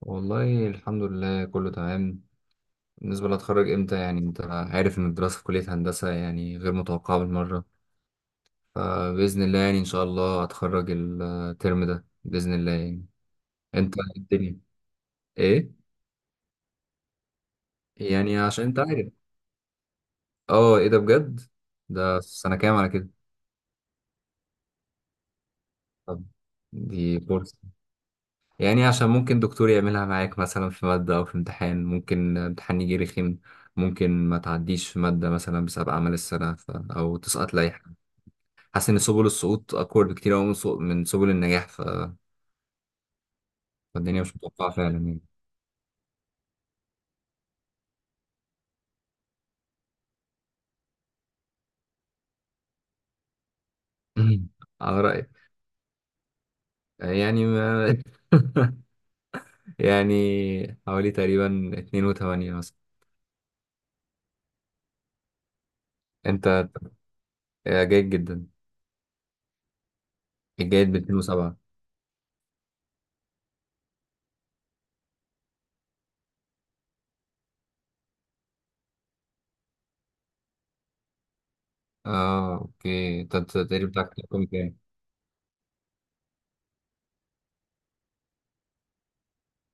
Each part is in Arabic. والله الحمد لله كله تمام. بالنسبة لأتخرج إمتى، يعني أنت عارف إن الدراسة في كلية هندسة يعني غير متوقعة بالمرة. فبإذن الله يعني إن شاء الله أتخرج الترم ده بإذن الله يعني. أنت إيه الدنيا؟ إيه؟ يعني عشان أنت عارف. أه إيه ده بجد؟ ده سنة كام على كده؟ طب دي فرصة. يعني عشان ممكن دكتور يعملها معاك مثلا في مادة أو في امتحان، ممكن امتحان يجي رخم. ممكن ما تعديش في مادة مثلا بسبب أعمال السنة أو تسقط لأي. حاسس ان سبل السقوط اقوى بكتير قوي من من سبل النجاح فالدنيا مش متوقعه فعلا يعني. على رايك. يعني ما... يعني حوالي تقريبا 2 و8 مثلا. انت جيد جدا. جيد ب 2 و7. اه اوكي، أنت التقريب بتاعك كام؟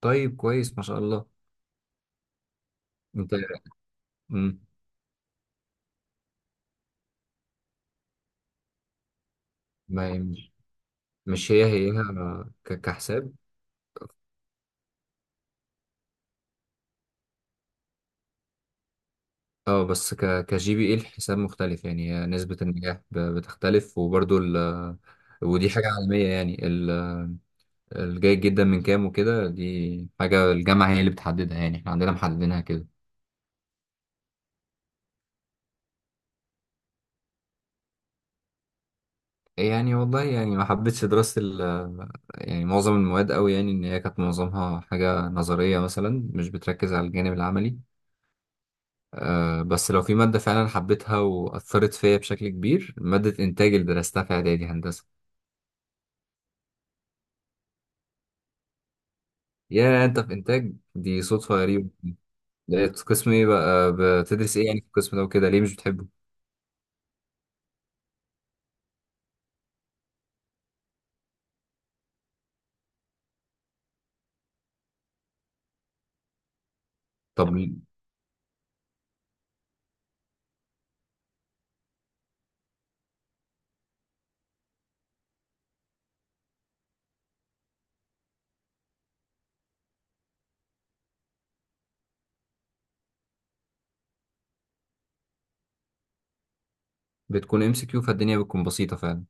طيب كويس ما شاء الله. انت مم. ما مش هي هي. كحساب. اه بس ك كجي بي اي الحساب مختلف يعني، هي نسبة النجاح بتختلف وبرضو ودي حاجة عالمية يعني الجيد جدا من كام وكده دي حاجة الجامعة هي اللي بتحددها يعني احنا عندنا محددينها كده. يعني والله يعني ما حبيتش دراسة يعني معظم المواد قوي يعني ان هي كانت معظمها حاجة نظرية مثلا مش بتركز على الجانب العملي. آه، بس لو في مادة فعلا حبيتها وأثرت فيا بشكل كبير مادة إنتاج اللي درستها في إعدادي هندسة. يا أنت في إنتاج دي صدفة غريبة. ده قسم ايه بقى بتدرس ايه يعني في القسم ده وكده ليه مش بتحبه؟ طب ل- بتكون ام سي كيو فالدنيا بتكون بسيطة فعلا.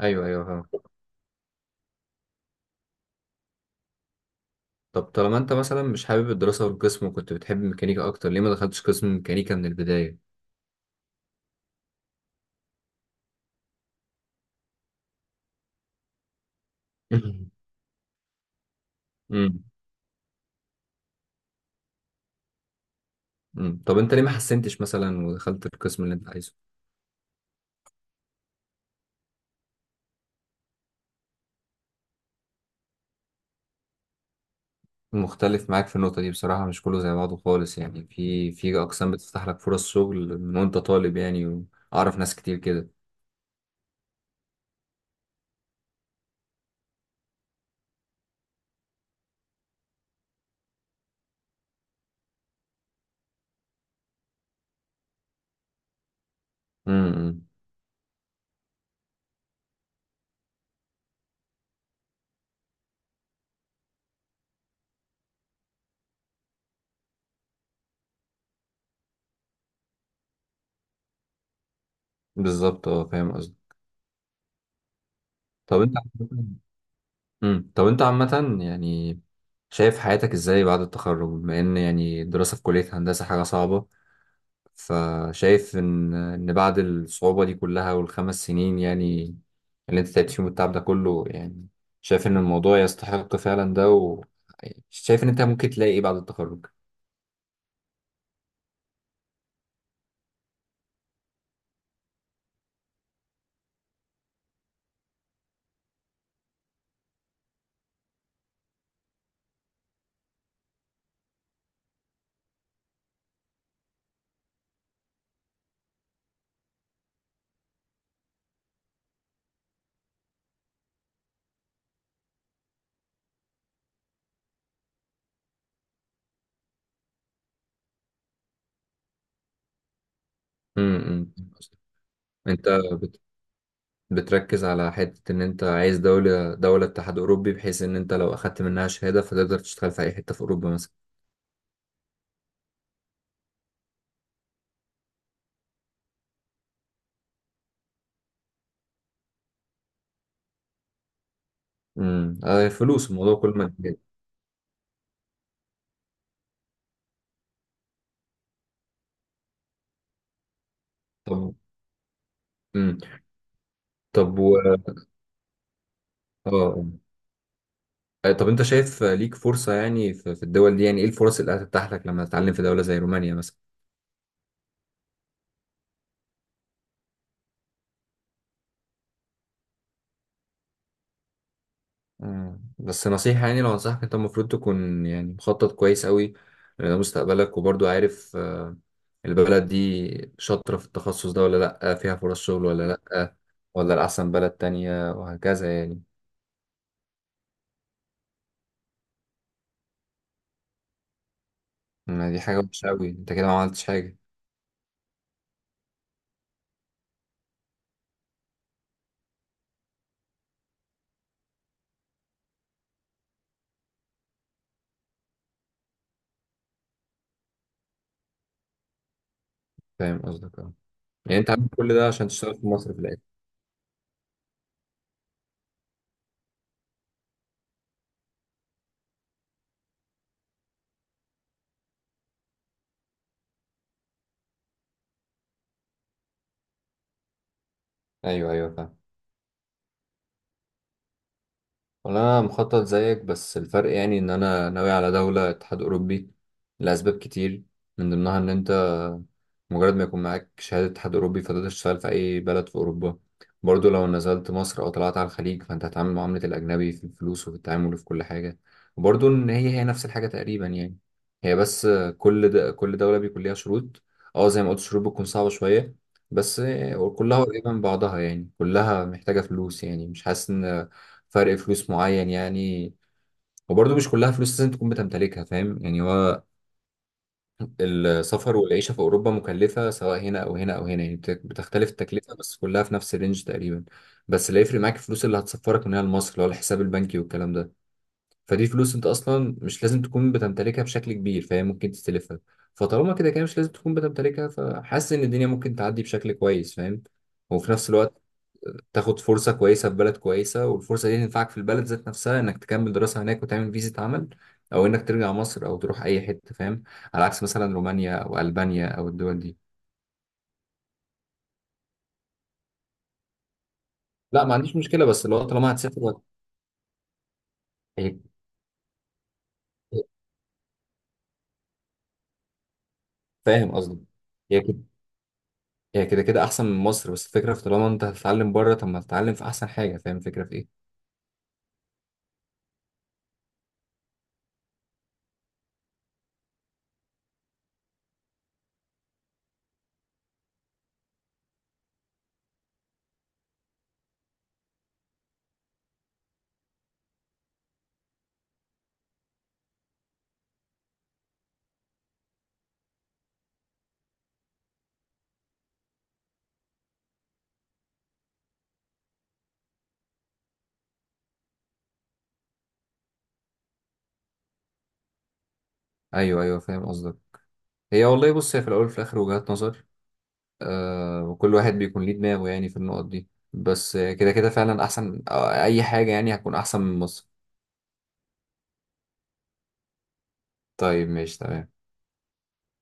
ايوه ايوه فاهم. طب طالما انت مثلا مش حابب الدراسة والقسم وكنت بتحب الميكانيكا اكتر ليه ما دخلتش قسم ميكانيكا من البداية؟ امم. طب انت ليه ما حسنتش مثلا ودخلت القسم اللي انت عايزه؟ مختلف معاك في النقطة دي بصراحة، مش كله زي بعضه خالص يعني، في أقسام بتفتح لك فرص شغل من وأنت طالب يعني. وأعرف ناس كتير كده. امم. بالظبط اه فاهم قصدي. طب انت طب انت عامة يعني شايف حياتك ازاي بعد التخرج بما ان يعني الدراسة في كلية هندسة حاجة صعبة؟ فشايف ان بعد الصعوبة دي كلها والخمس سنين يعني اللي انت تعبت فيهم والتعب ده كله يعني، شايف ان الموضوع يستحق فعلا ده، و شايف ان انت ممكن تلاقي ايه بعد التخرج؟ امم. انت بت... بتركز على حتة ان انت عايز دولة دولة اتحاد اوروبي بحيث ان انت لو اخدت منها شهادة فتقدر تشتغل في اي حتة في اوروبا مثلا. آه فلوس الموضوع كل ما كبير. طب امم طب و اه آه. آه، طب انت شايف آه، ليك فرصة يعني في في الدول دي، يعني ايه الفرص اللي هتتاح لك لما تتعلم في دولة زي رومانيا مثلا؟ بس نصيحة يعني لو انصحك، انت المفروض تكون يعني مخطط كويس قوي لده مستقبلك، وبرضو عارف آه، البلد دي شاطرة في التخصص ده ولا لأ، فيها فرص شغل ولا لأ، ولا الأحسن بلد تانية وهكذا يعني. ما دي حاجة وحشة قوي، انت كده ما عملتش حاجة. فاهم قصدك اه. يعني انت عامل كل ده عشان تشتغل في مصر في الآخر؟ ايوه ايوه فاهم. والله انا مخطط زيك بس الفرق يعني ان انا ناوي على دولة اتحاد اوروبي لاسباب كتير، من ضمنها ان انت مجرد ما يكون معاك شهادة اتحاد اوروبي فتقدر تشتغل في اي بلد في اوروبا. برضو لو نزلت مصر او طلعت على الخليج فانت هتتعامل معاملة الاجنبي في الفلوس وفي التعامل وفي كل حاجة. وبرضو ان هي هي نفس الحاجة تقريبا يعني. هي بس كل دولة بيكون ليها شروط. اه زي ما قلت الشروط بتكون صعبة شوية بس كلها قريبة من بعضها يعني، كلها محتاجة فلوس يعني، مش حاسس ان فرق فلوس معين يعني. وبرضه مش كلها فلوس لازم تكون بتمتلكها فاهم يعني، هو السفر والعيشة في أوروبا مكلفة سواء هنا أو هنا أو هنا يعني، بتختلف التكلفة بس كلها في نفس الرينج تقريبا. بس اللي هيفرق معاك الفلوس اللي هتسفرك من هنا لمصر اللي هو الحساب البنكي والكلام ده، فدي فلوس أنت أصلا مش لازم تكون بتمتلكها بشكل كبير فاهم، ممكن تستلفها. فطالما كده كده مش لازم تكون بتمتلكها فحاسس إن الدنيا ممكن تعدي بشكل كويس فاهم. وفي نفس الوقت تاخد فرصة كويسة في بلد كويسة والفرصة دي تنفعك في البلد ذات نفسها انك تكمل دراسة هناك وتعمل فيزا عمل، او انك ترجع مصر او تروح اي حتة فاهم، على عكس مثلا رومانيا او البانيا او الدول دي. لا ما عنديش مشكلة بس لو طالما هتسافر هي- فاهم قصدي. هي كده هي كده كده احسن من مصر بس الفكرة في طالما انت هتتعلم بره طب ما تتعلم في احسن حاجة، فاهم الفكرة في ايه. ايوه ايوه فاهم قصدك. هي والله بص، هي في الاول وفي الاخر وجهات نظر، آه، وكل واحد بيكون ليه دماغه يعني في النقط دي. بس آه، كده كده فعلا احسن آه، اي حاجة يعني هتكون احسن من مصر. طيب ماشي تمام.